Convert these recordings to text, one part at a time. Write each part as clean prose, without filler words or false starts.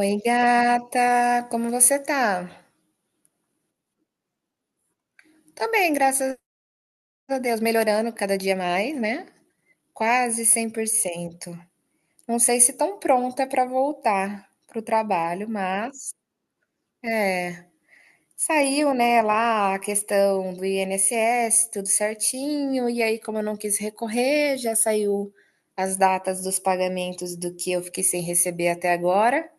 Oi, gata, como você tá? Tô bem, graças a Deus, melhorando cada dia mais, né? Quase 100%. Não sei se tão pronta pra voltar pro trabalho, mas é, saiu, né, lá a questão do INSS, tudo certinho, e aí como eu não quis recorrer, já saiu as datas dos pagamentos do que eu fiquei sem receber até agora.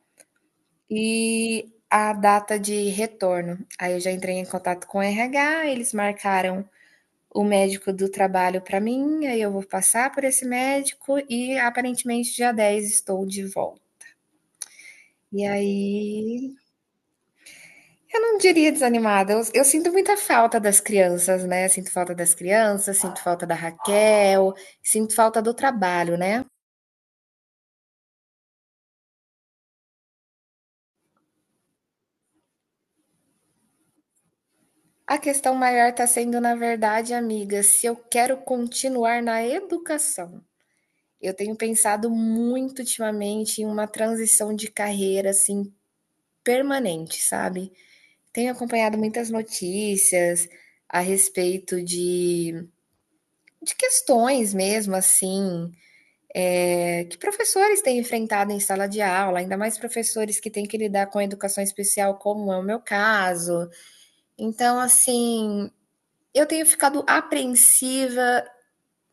E a data de retorno. Aí eu já entrei em contato com o RH, eles marcaram o médico do trabalho para mim, aí eu vou passar por esse médico e aparentemente dia 10 estou de volta. E aí, eu não diria desanimada, eu sinto muita falta das crianças, né? Sinto falta das crianças, sinto falta da Raquel, sinto falta do trabalho, né? A questão maior está sendo, na verdade, amiga, se eu quero continuar na educação. Eu tenho pensado muito ultimamente em uma transição de carreira assim permanente, sabe? Tenho acompanhado muitas notícias a respeito de questões mesmo assim é, que professores têm enfrentado em sala de aula, ainda mais professores que têm que lidar com a educação especial, como é o meu caso. Então, assim, eu tenho ficado apreensiva,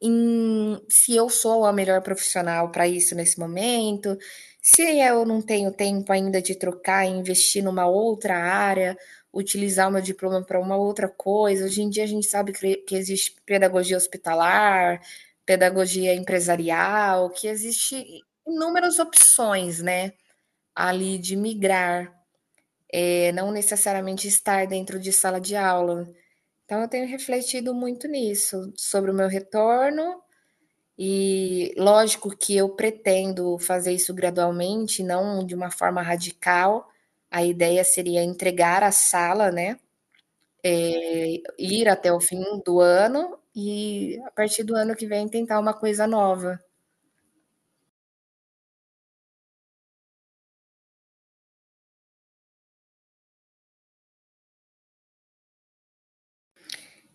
em se eu sou a melhor profissional para isso nesse momento, se eu não tenho tempo ainda de trocar e investir numa outra área, utilizar o meu diploma para uma outra coisa. Hoje em dia a gente sabe que existe pedagogia hospitalar, pedagogia empresarial, que existe inúmeras opções, né? Ali de migrar, é, não necessariamente estar dentro de sala de aula. Então, eu tenho refletido muito nisso, sobre o meu retorno e lógico que eu pretendo fazer isso gradualmente, não de uma forma radical. A ideia seria entregar a sala, né? Ir até o fim do ano e a partir do ano que vem tentar uma coisa nova.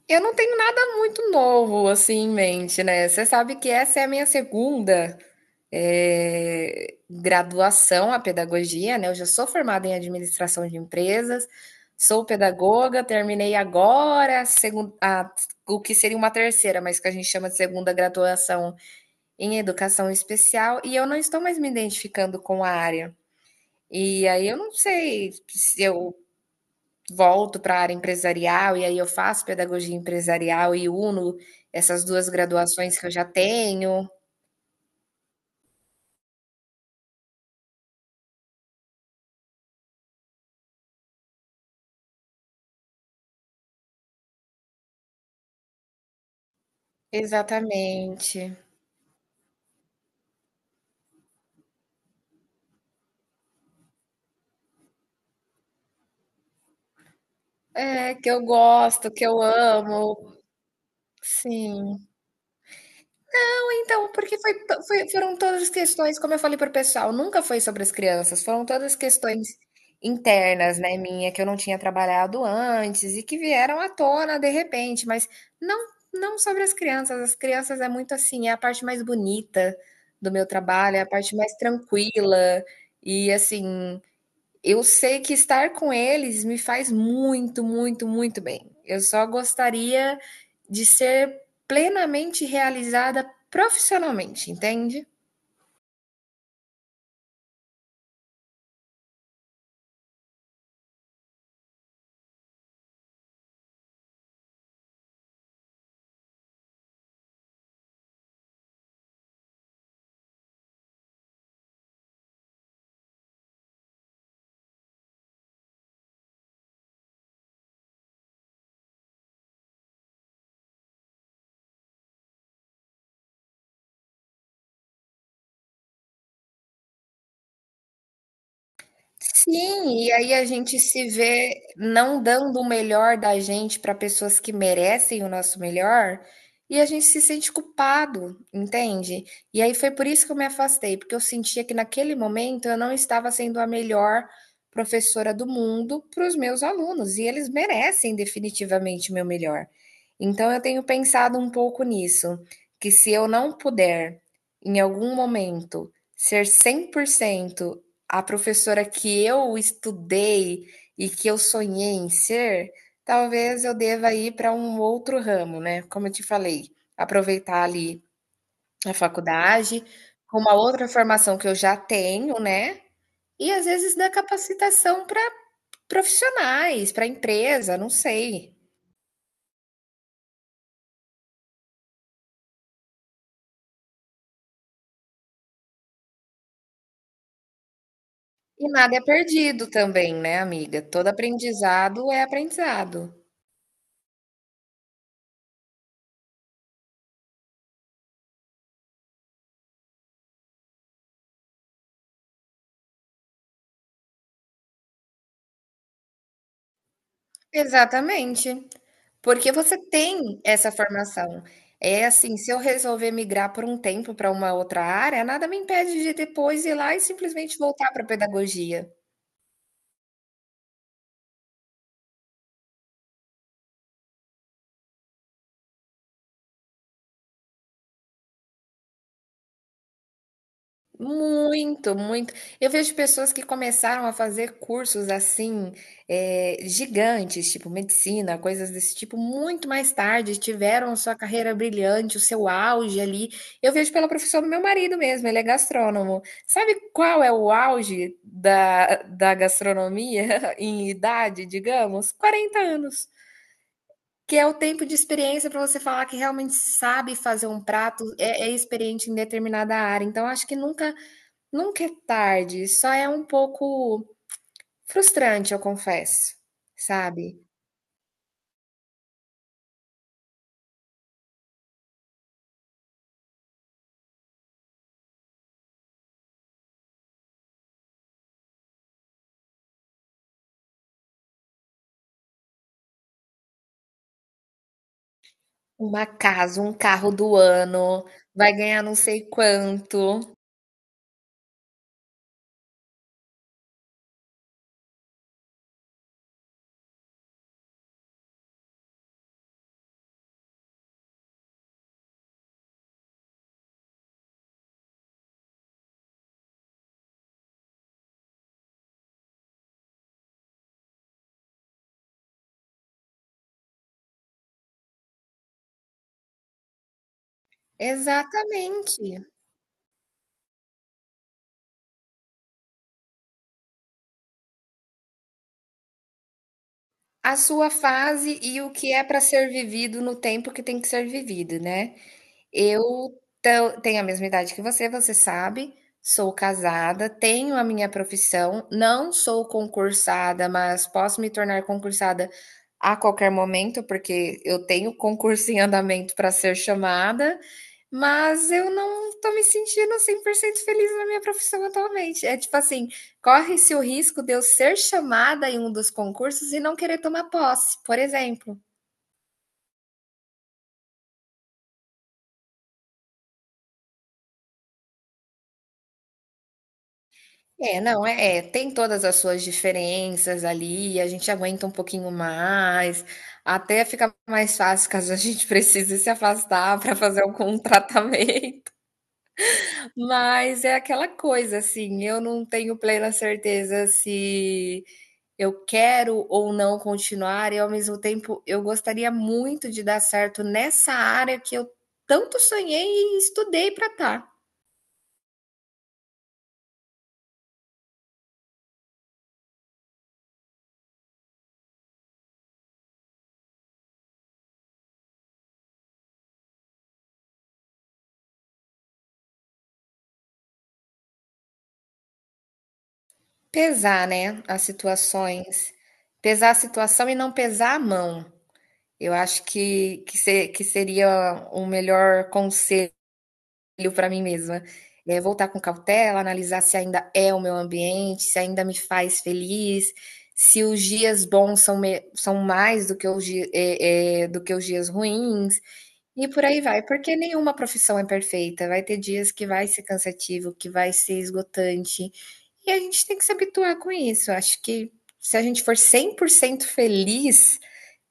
Eu não tenho nada muito novo assim em mente, né? Você sabe que essa é a minha segunda é, graduação à pedagogia, né? Eu já sou formada em administração de empresas, sou pedagoga, terminei agora a o que seria uma terceira, mas que a gente chama de segunda graduação em educação especial, e eu não estou mais me identificando com a área. E aí eu não sei se eu volto para a área empresarial, e aí eu faço pedagogia empresarial e uno essas duas graduações que eu já tenho. Exatamente. É, que eu gosto, que eu amo. Sim. Então, porque foi, foram todas as questões, como eu falei para o pessoal, nunca foi sobre as crianças, foram todas questões internas, né, minha, que eu não tinha trabalhado antes e que vieram à tona de repente, mas não, não sobre as crianças. As crianças é muito assim, é a parte mais bonita do meu trabalho, é a parte mais tranquila e assim, eu sei que estar com eles me faz muito, muito, muito bem. Eu só gostaria de ser plenamente realizada profissionalmente, entende? Sim, e aí a gente se vê não dando o melhor da gente para pessoas que merecem o nosso melhor, e a gente se sente culpado, entende? E aí foi por isso que eu me afastei, porque eu sentia que naquele momento eu não estava sendo a melhor professora do mundo para os meus alunos, e eles merecem definitivamente o meu melhor. Então eu tenho pensado um pouco nisso, que se eu não puder, em algum momento, ser 100% a professora que eu estudei e que eu sonhei em ser, talvez eu deva ir para um outro ramo, né. Como eu te falei, aproveitar ali a faculdade, com uma outra formação que eu já tenho, né, e às vezes dar capacitação para profissionais, para empresa, não sei. E nada é perdido também, né, amiga? Todo aprendizado é aprendizado. Exatamente, porque você tem essa formação. É assim, se eu resolver migrar por um tempo para uma outra área, nada me impede de depois ir lá e simplesmente voltar para a pedagogia. Muito, muito. Eu vejo pessoas que começaram a fazer cursos assim, gigantes, tipo medicina, coisas desse tipo, muito mais tarde, tiveram sua carreira brilhante, o seu auge ali. Eu vejo pela profissão do meu marido mesmo, ele é gastrônomo. Sabe qual é o auge da gastronomia em idade, digamos? 40 anos. Que é o tempo de experiência para você falar que realmente sabe fazer um prato, é, é experiente em determinada área. Então, acho que nunca é tarde, só é um pouco frustrante, eu confesso, sabe. Uma casa, um carro do ano, vai ganhar não sei quanto. Exatamente. A sua fase e o que é para ser vivido no tempo que tem que ser vivido, né. Eu tam tenho a mesma idade que você, você sabe, sou casada, tenho a minha profissão, não sou concursada, mas posso me tornar concursada a qualquer momento, porque eu tenho concurso em andamento para ser chamada, mas eu não estou me sentindo 100% feliz na minha profissão atualmente. É tipo assim, corre-se o risco de eu ser chamada em um dos concursos e não querer tomar posse, por exemplo. É, não, é, tem todas as suas diferenças ali, a gente aguenta um pouquinho mais, até fica mais fácil caso a gente precise se afastar para fazer algum tratamento. Mas é aquela coisa, assim, eu não tenho plena certeza se eu quero ou não continuar, e ao mesmo tempo eu gostaria muito de dar certo nessa área que eu tanto sonhei e estudei para estar. Pesar, né, as situações. Pesar a situação e não pesar a mão. Eu acho que se que seria o melhor conselho para mim mesma. Voltar com cautela, analisar se ainda é o meu ambiente, se ainda me faz feliz, se os dias bons são me são mais do que os do que os dias ruins, e por aí vai. Porque nenhuma profissão é perfeita, vai ter dias que vai ser cansativo, que vai ser esgotante, e a gente tem que se habituar com isso. Acho que se a gente for 100% feliz,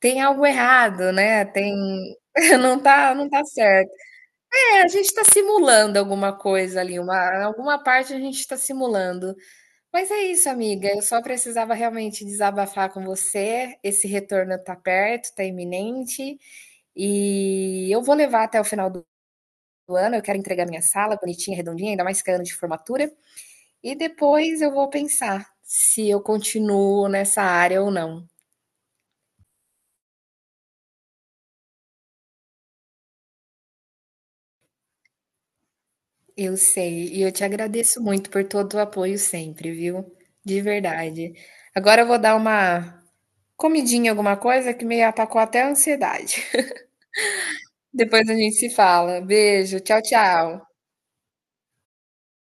tem algo errado, né, tem não tá não tá certo. É, a gente está simulando alguma coisa ali, uma alguma parte a gente está simulando. Mas é isso, amiga, eu só precisava realmente desabafar com você, esse retorno tá perto, tá iminente, e eu vou levar até o final do ano, eu quero entregar minha sala bonitinha, redondinha, ainda mais que é ano de formatura, e depois eu vou pensar se eu continuo nessa área ou não. Eu sei, e eu te agradeço muito por todo o apoio sempre, viu? De verdade. Agora eu vou dar uma comidinha, alguma coisa que me atacou até a ansiedade. Depois a gente se fala. Beijo, tchau, tchau.